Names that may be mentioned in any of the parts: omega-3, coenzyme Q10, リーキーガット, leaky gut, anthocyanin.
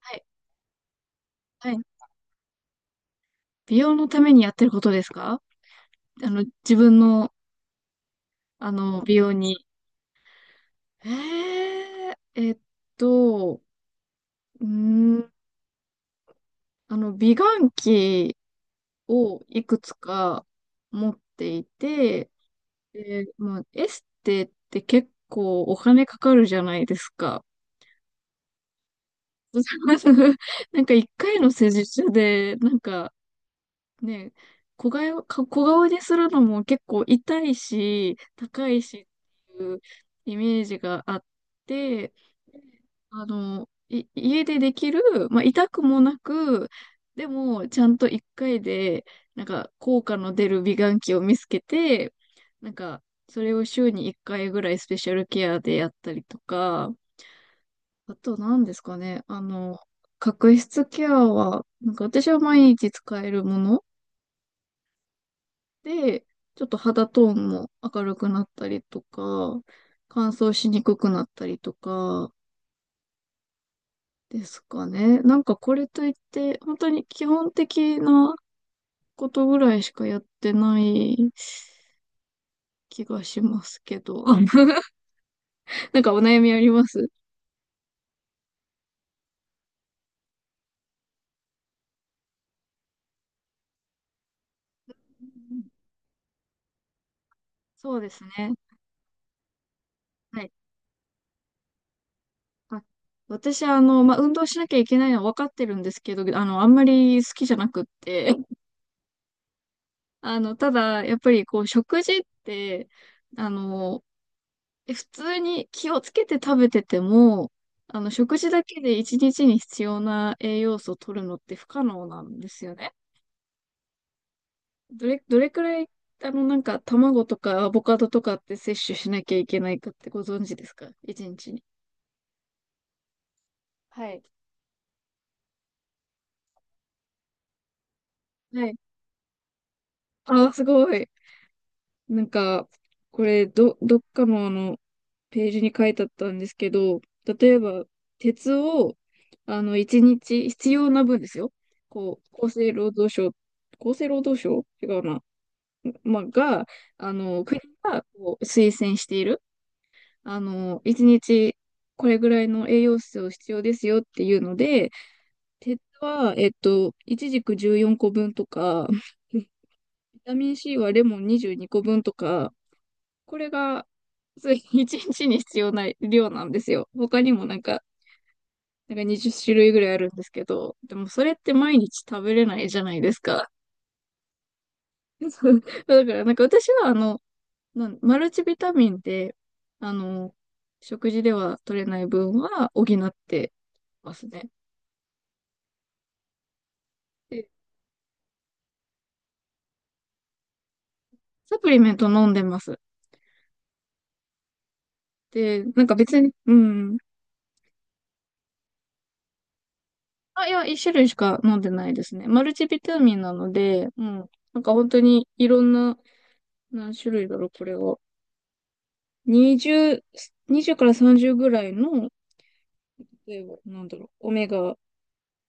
はい。はい。美容のためにやってることですか？自分の、美容に。えー、えっと、うーん、美顔器をいくつか持っていて、で、まあ、エステって結構お金かかるじゃないですか。なんか一回の施術で、なんかね、小顔にするのも結構痛いし、高いしっていうイメージがあって、家でできる、まあ、痛くもなく、でも、ちゃんと一回で、なんか、効果の出る美顔器を見つけて、なんか、それを週に一回ぐらいスペシャルケアでやったりとか、あと何ですかね、角質ケアは、なんか私は毎日使えるもので、ちょっと肌トーンも明るくなったりとか、乾燥しにくくなったりとかですかね。なんかこれといって、本当に基本的なことぐらいしかやってない気がしますけど。なんかお悩みあります？そうですね。はい。あ、私、まあ、運動しなきゃいけないのは分かってるんですけど、あんまり好きじゃなくって、ただ、やっぱりこう、食事って、あの、普通に気をつけて食べてても、食事だけで一日に必要な栄養素を取るのって不可能なんですよね。どれくらい、なんか、卵とかアボカドとかって摂取しなきゃいけないかってご存知ですか一日に？はい。はい。あーすごい。なんか、これ、どっかのページに書いてあったんですけど、例えば、鉄を、一日、必要な分ですよ。こう、厚生労働省、厚生労働省違うな。まあ、が、あの、国がこう推薦している、一日、これぐらいの栄養素を必要ですよっていうので、鉄は、いちじく14個分とか、ビタミン C はレモン22個分とか、これが、そう一日にちに必要な量なんですよ。他にもなんか20種類ぐらいあるんですけど、でもそれって毎日食べれないじゃないですか。そう。だからなんか私はマルチビタミンで、あの、食事では取れない分は補ってますね。で、サプリメント飲んでます。で、なんか別に、うん。あ、いや、一種類しか飲んでないですね。マルチビタミンなので、うん。なんか本当にいろんな、何種類だろう、これは。20、20から30ぐらいの、例えば、なんだろう、オメガ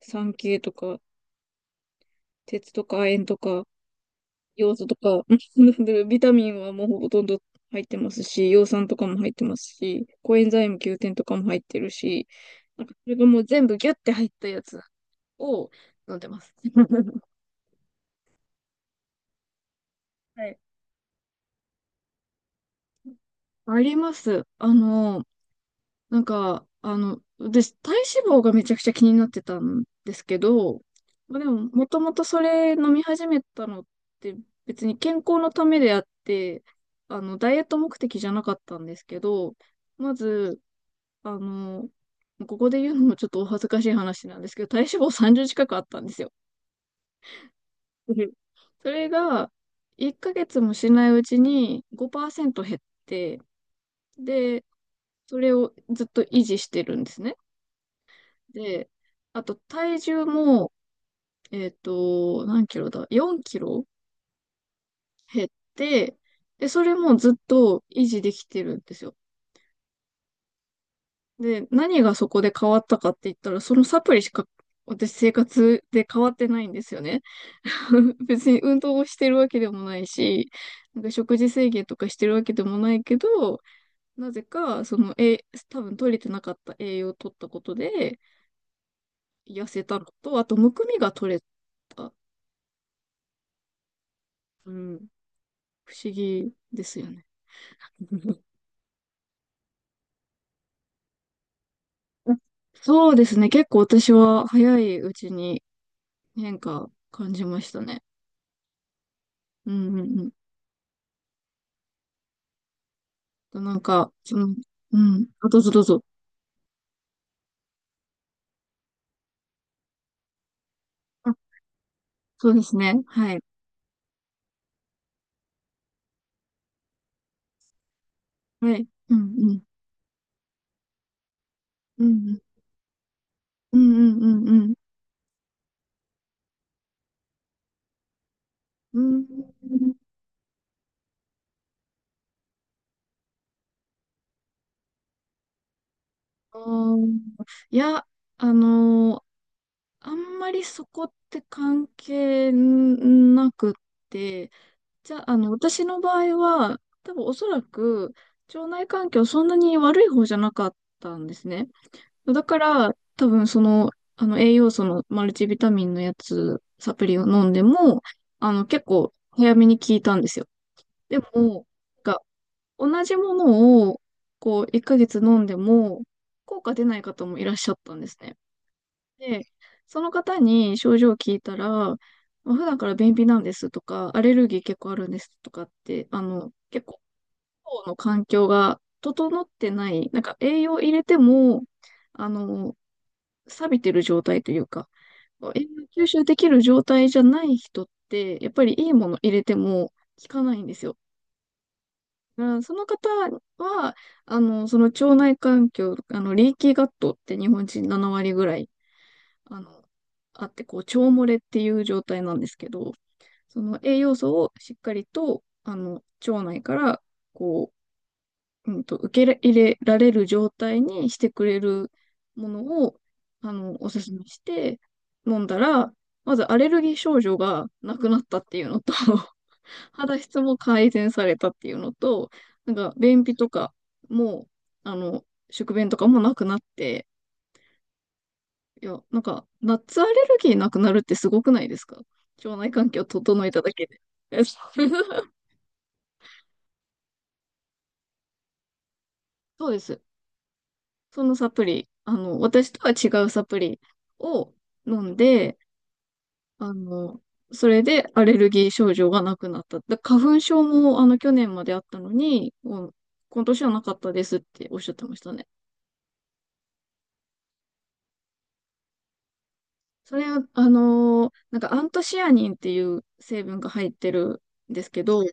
3系とか、鉄とか亜鉛とか、ヨウ素とか、なんだろうビタミンはもうほとんど入ってますし、葉酸とかも入ってますし、コエンザイム Q10 とかも入ってるし、なんかそれがもう全部ギュッて入ったやつを飲んでます。はい。あります。なんか、私、体脂肪がめちゃくちゃ気になってたんですけど、まあ、でも、もともとそれ飲み始めたのって別に健康のためであって、ダイエット目的じゃなかったんですけど、まず、あの、ここで言うのもちょっとお恥ずかしい話なんですけど、体脂肪30近くあったんですよ。うん。それが、1ヶ月もしないうちに5%減って、で、それをずっと維持してるんですね。で、あと体重も、何キロだ？ 4 キロ減って、で、それもずっと維持できてるんですよ。で、何がそこで変わったかって言ったら、そのサプリしか私生活で変わってないんですよね。別に運動をしてるわけでもないし、なんか食事制限とかしてるわけでもないけど、なぜか、その、多分取れてなかった栄養を取ったことで、痩せたのと、あと、むくみが取れた。うん。不思議ですよね。そうですね。結構私は早いうちに変化感じましたね。うんうんうん。となんか、その、うん。あ、どうぞどうぞ。あ、そうですね。はい。はい。うんうん。うんうん。うんうんうんうん。うん。あーいや、あのーあんまりそこって関係なくって、じゃあ、私の場合は、多分おそらく、腸内環境そんなに悪い方じゃなかったんですね。だから、多分その、栄養素のマルチビタミンのやつ、サプリを飲んでも、結構早めに効いたんですよ。でも、なんか、同じものを、こう、1ヶ月飲んでも、効果出ない方もいらっしゃったんですね。で、その方に症状を聞いたら、まあ、普段から便秘なんですとか、アレルギー結構あるんですとかって、結構の環境が整ってない、なんか栄養入れても、あの、錆びてる状態というか、栄養吸収できる状態じゃない人って、やっぱりいいもの入れても効かないんですよ。だからその方は、その腸内環境、リーキーガットって日本人7割ぐらいあの、あって、こう、腸漏れっていう状態なんですけど、その栄養素をしっかりと、腸内から、こう、受け入れられる状態にしてくれるものを、おすすめして飲んだら、まずアレルギー症状がなくなったっていうのと 肌質も改善されたっていうのと、なんか、便秘とかも、あの、宿便とかもなくなって、いや、なんか、ナッツアレルギーなくなるってすごくないですか？腸内環境整えただけで。そう。 そうです。そのサプリ、私とは違うサプリを飲んで、あの、それでアレルギー症状がなくなった。花粉症も、去年まであったのに、もう今年はなかったですっておっしゃってましたね。それ、なんかアントシアニンっていう成分が入ってるんですけど、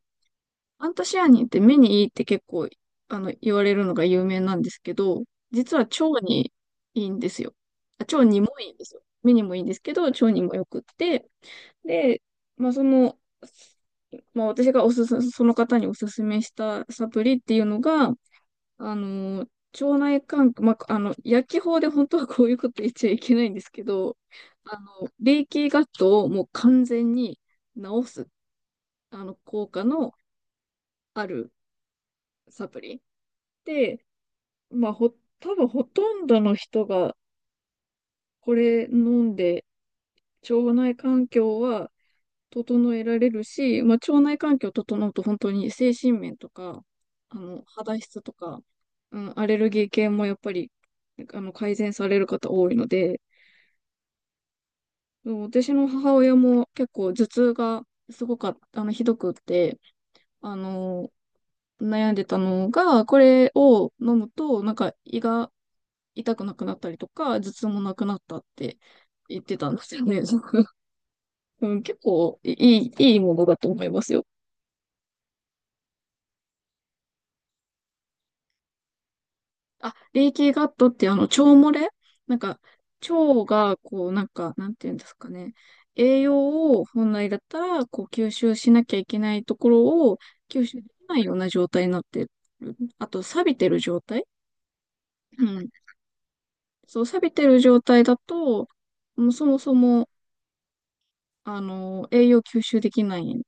アントシアニンって目にいいって結構、言われるのが有名なんですけど、実は腸にいいんですよ。あ、腸にもいいんですよ。目にもいいんですけど、腸にもよくって、で、まあ、その、まあ、私がおすす、その方におすすめしたサプリっていうのが、あの、腸内環境、まあ、薬機法で本当はこういうこと言っちゃいけないんですけど、レーキーガットをもう完全に治す、効果のあるサプリ。で、まあ、多分ほとんどの人がこれ飲んで、腸内環境は整えられるし、まあ、腸内環境整うと本当に精神面とか、肌質とか、うん、アレルギー系もやっぱり、改善される方多いので、うん、私の母親も結構頭痛がすごかった、ひどくって、あの、悩んでたのが、これを飲むと、なんか胃が痛くなくなったりとか、頭痛もなくなったって言ってたんですよね。うん、結構いいものだと思いますよ。あ、レイキーガットって腸漏れなんか、腸がこうなんか、なんていうんですかね。栄養を本来だったらこう吸収しなきゃいけないところを吸収できないような状態になってる。あと、錆びてる状態。うん。そう、錆びてる状態だと、もうそもそも、栄養吸収できない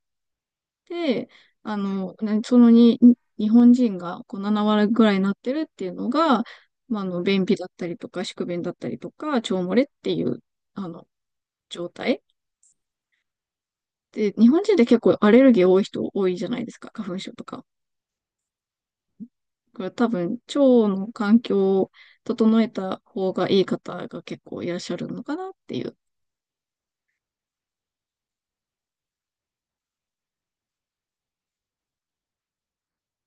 で、あの、なそのに、に日本人がこう7割ぐらいになってるっていうのが、まあ、便秘だったりとか、宿便だったりとか、腸漏れっていう、あの、状態。で、日本人って結構アレルギー多い人多いじゃないですか、花粉症とか。これ多分、腸の環境を整えた方がいい方が結構いらっしゃるのかなっていう。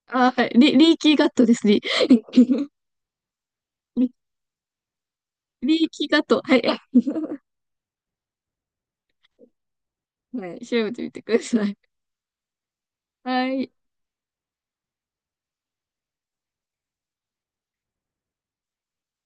あ、はい、リーキーガットですね。リ、リリーキーガット。はい。はい、調べてみてください。はい。